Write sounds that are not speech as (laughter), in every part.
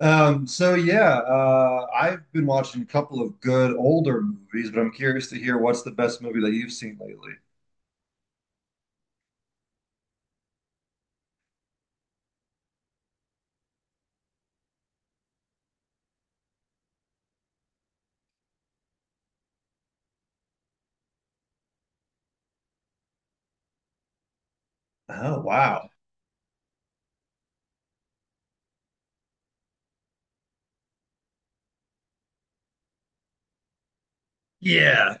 So yeah, I've been watching a couple of good older movies, but I'm curious to hear what's the best movie that you've seen lately. Oh, wow. Yeah.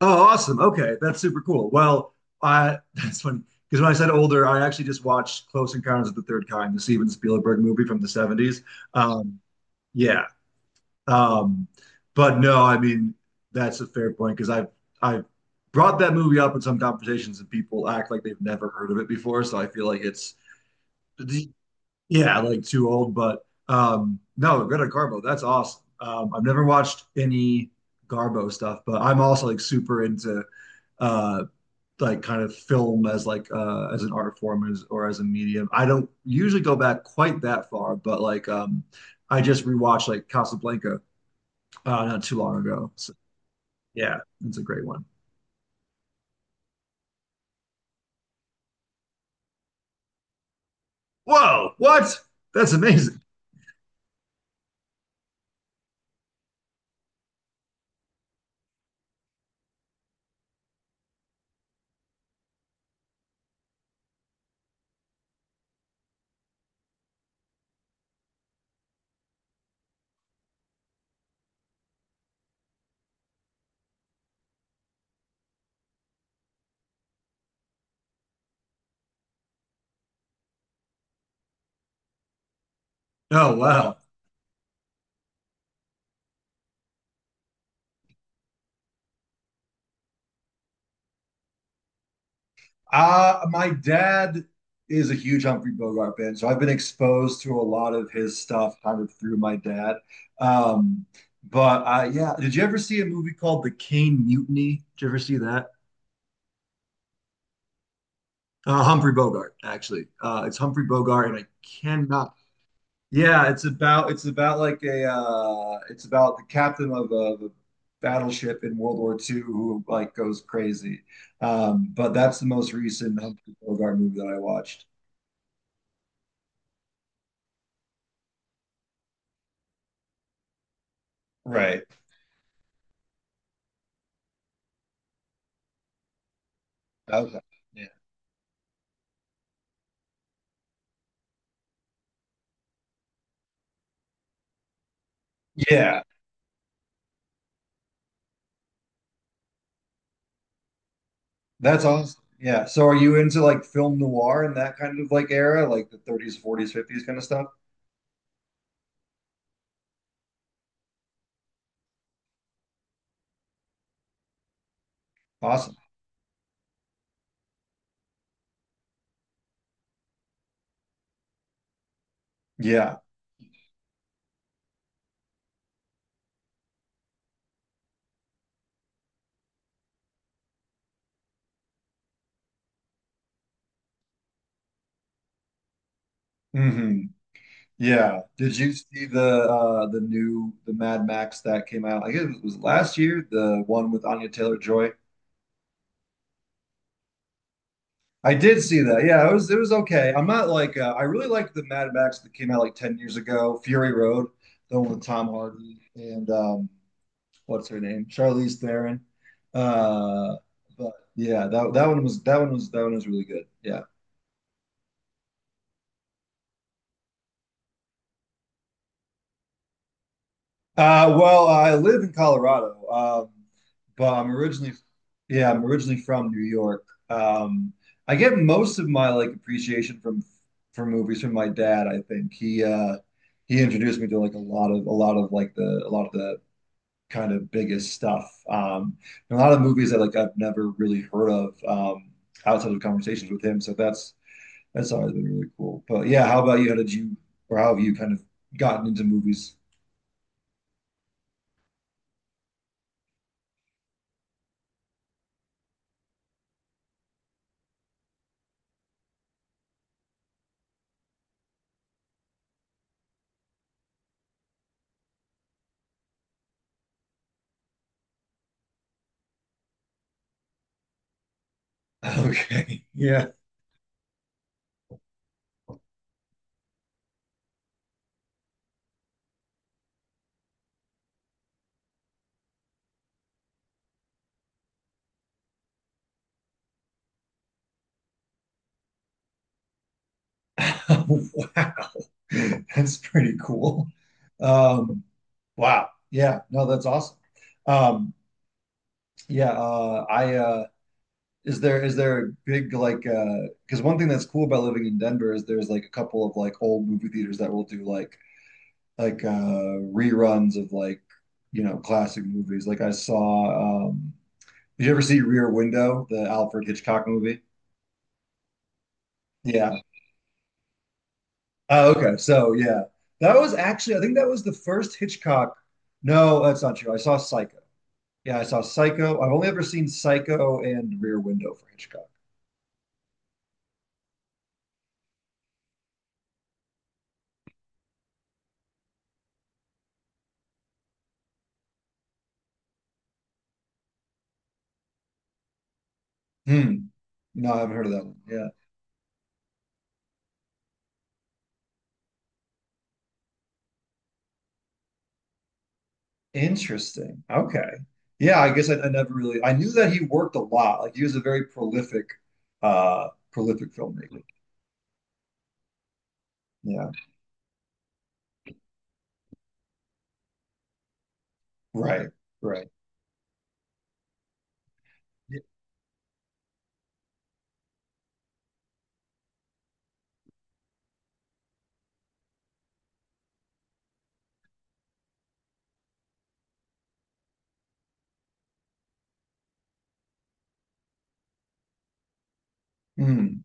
Oh, awesome. Okay, that's super cool. Well, I (laughs) that's funny because when I said older, I actually just watched Close Encounters of the Third Kind, the Steven Spielberg movie from the 70s. Um, yeah. Um, but no, I mean that's a fair point because I've brought that movie up in some conversations and people act like they've never heard of it before. So I feel like it's... Yeah, like too old, but no, Greta Garbo, that's awesome. I've never watched any Garbo stuff, but I'm also like super into uh, like kind of film as like as an art form as, or as a medium. I don't usually go back quite that far, but like I just rewatched like Casablanca not too long ago. So yeah, it's a great one. Whoa, what? That's amazing. Oh, wow. My dad is a huge Humphrey Bogart fan, so I've been exposed to a lot of his stuff kind of through my dad. Um, but yeah, did you ever see a movie called The Caine Mutiny? Did you ever see that? Humphrey Bogart, actually. It's Humphrey Bogart, and I cannot. Yeah, it's about like a it's about the captain of of a battleship in World War II who like goes crazy. But that's the most recent Humphrey Bogart movie that I watched. Right. Thousand. Yeah. Yeah. That's awesome. Yeah. So are you into like film noir and that kind of like era, like the 30s, 40s, 50s kind of stuff? Awesome. Yeah. Hmm. Yeah. Did you see the new the Mad Max that came out? I guess it was last year, the one with Anya Taylor-Joy. I did see that. Yeah, it was okay. I'm not like I really liked the Mad Max that came out like 10 years ago, Fury Road, the one with Tom Hardy and what's her name, Charlize Theron. Uh, but yeah, that one was really good. Yeah. Well, I live in Colorado, but yeah, I'm originally from New York. Um, I get most of my like appreciation from for movies from my dad. I think he introduced me to like a lot of the kind of biggest stuff. And a lot of movies that like I've never really heard of outside of conversations with him. So that's always been really cool. But yeah, how about you? How did you, or how have you kind of gotten into movies? Okay, yeah, (laughs) wow, that's pretty cool. Um, wow, yeah, no, that's awesome. Um, yeah, I is there a big like because one thing that's cool about living in Denver is there's like a couple of like old movie theaters that will do like reruns of like classic movies. Like I saw did you ever see Rear Window, the Alfred Hitchcock movie? Yeah. Oh, okay. So yeah, that was actually I think that was the first Hitchcock. No, that's not true. I saw Psycho. Yeah, I saw Psycho. I've only ever seen Psycho and Rear Window for Hitchcock. Hmm. No, I haven't heard of that one. Yeah. Interesting. Okay. Yeah, I guess I never really... I knew that he worked a lot. Like he was a very prolific filmmaker. Yeah. Right. Right. Yeah. Hmm.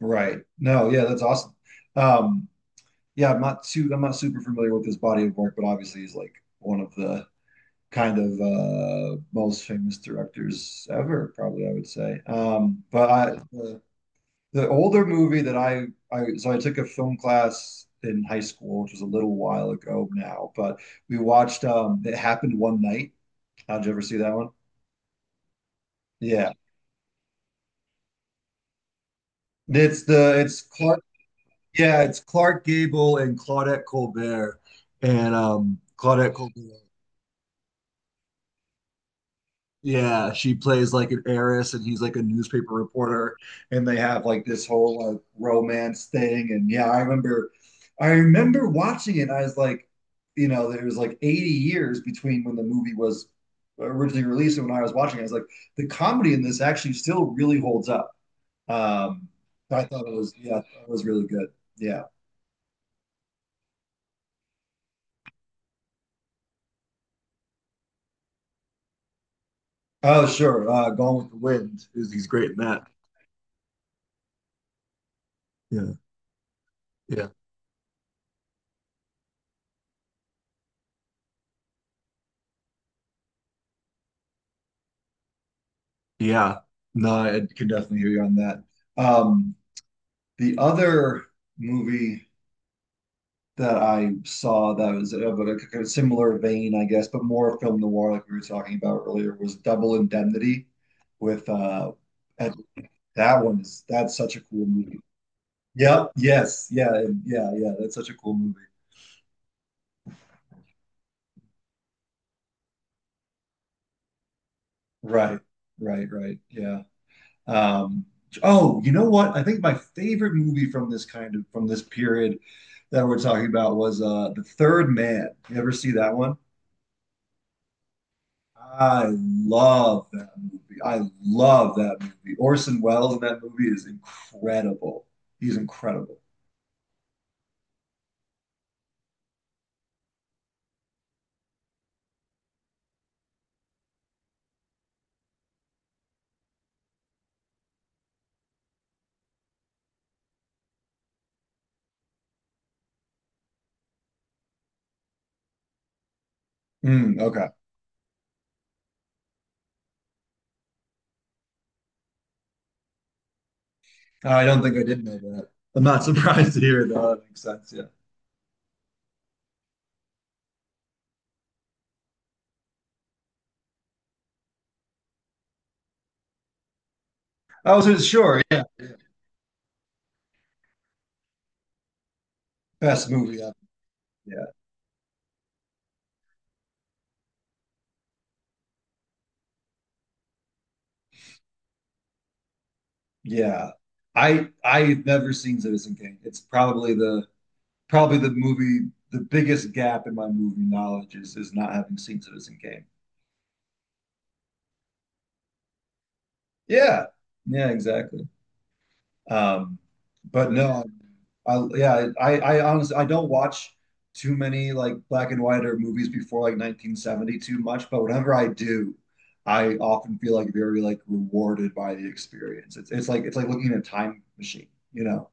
Right. No, yeah, that's awesome. Um, yeah, I'm not super familiar with his body of work, but obviously he's like one of the kind of most famous directors ever, probably I would say. But the older movie that I so I took a film class in high school, which was a little while ago now, but we watched It Happened One Night. Did you ever see that one? Yeah. It's Clark... yeah, it's Clark Gable and Claudette Colbert. And Claudette Colbert... yeah, she plays like an heiress and he's like a newspaper reporter and they have like this whole like romance thing and yeah, I remember watching it and I was like, you know, there was like 80 years between when the movie was originally released and when I was watching it. I was like, the comedy in this actually still really holds up. Um, I thought it was yeah, I thought it was really good. Yeah. Oh, sure. Gone with the Wind, is he's great in that. Yeah. Yeah. Yeah. No, I can definitely hear you on that. Um, The other movie that I saw that was of a kind of similar vein, I guess, but more film noir, like we were talking about earlier, was Double Indemnity with Ed- that one is... that's such a cool movie. Yep, yes, yeah, and- yeah, yeah, that's such a cool movie. Right, right, right. Yeah. Um, oh, you know what? I think my favorite movie from this period that we're talking about was The Third Man. You ever see that one? I love that movie. I love that movie. Orson Welles in that movie is incredible. He's incredible. Mm, okay. I don't think I did know that. I'm not (laughs) surprised to hear it, though. That makes sense. Yeah. I was sure. Yeah, yeah. Best movie ever. Yeah. Yeah. I've never seen Citizen Kane. It's probably the movie... the biggest gap in my movie knowledge is not having seen Citizen Kane. Yeah. Yeah, exactly. Um, but no, yeah, I honestly I don't watch too many like black and white or movies before like 1970 too much, but whenever I do, I often feel like very like rewarded by the experience. It's like it's like looking at a time machine, you know?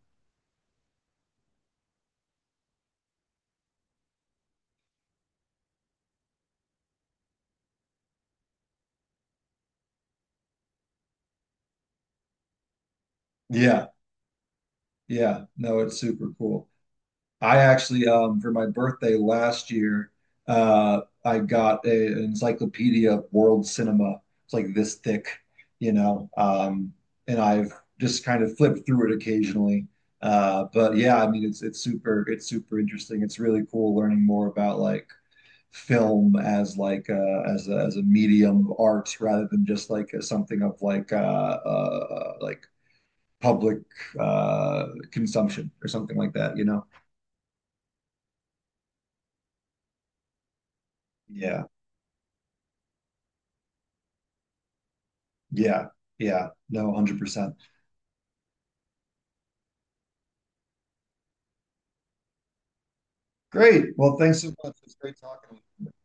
Yeah, yeah. No, it's super cool. I actually, for my birthday last year, I got an encyclopedia of world cinema. It's like this thick, you know, and I've just kind of flipped through it occasionally. But yeah, I mean, it's super interesting. It's really cool learning more about like film as like as as a medium of art rather than just like as something of like public consumption or something like that, you know? Yeah. Yeah. Yeah. No, 100%. Great. Well, thanks so much. It was great talking with you.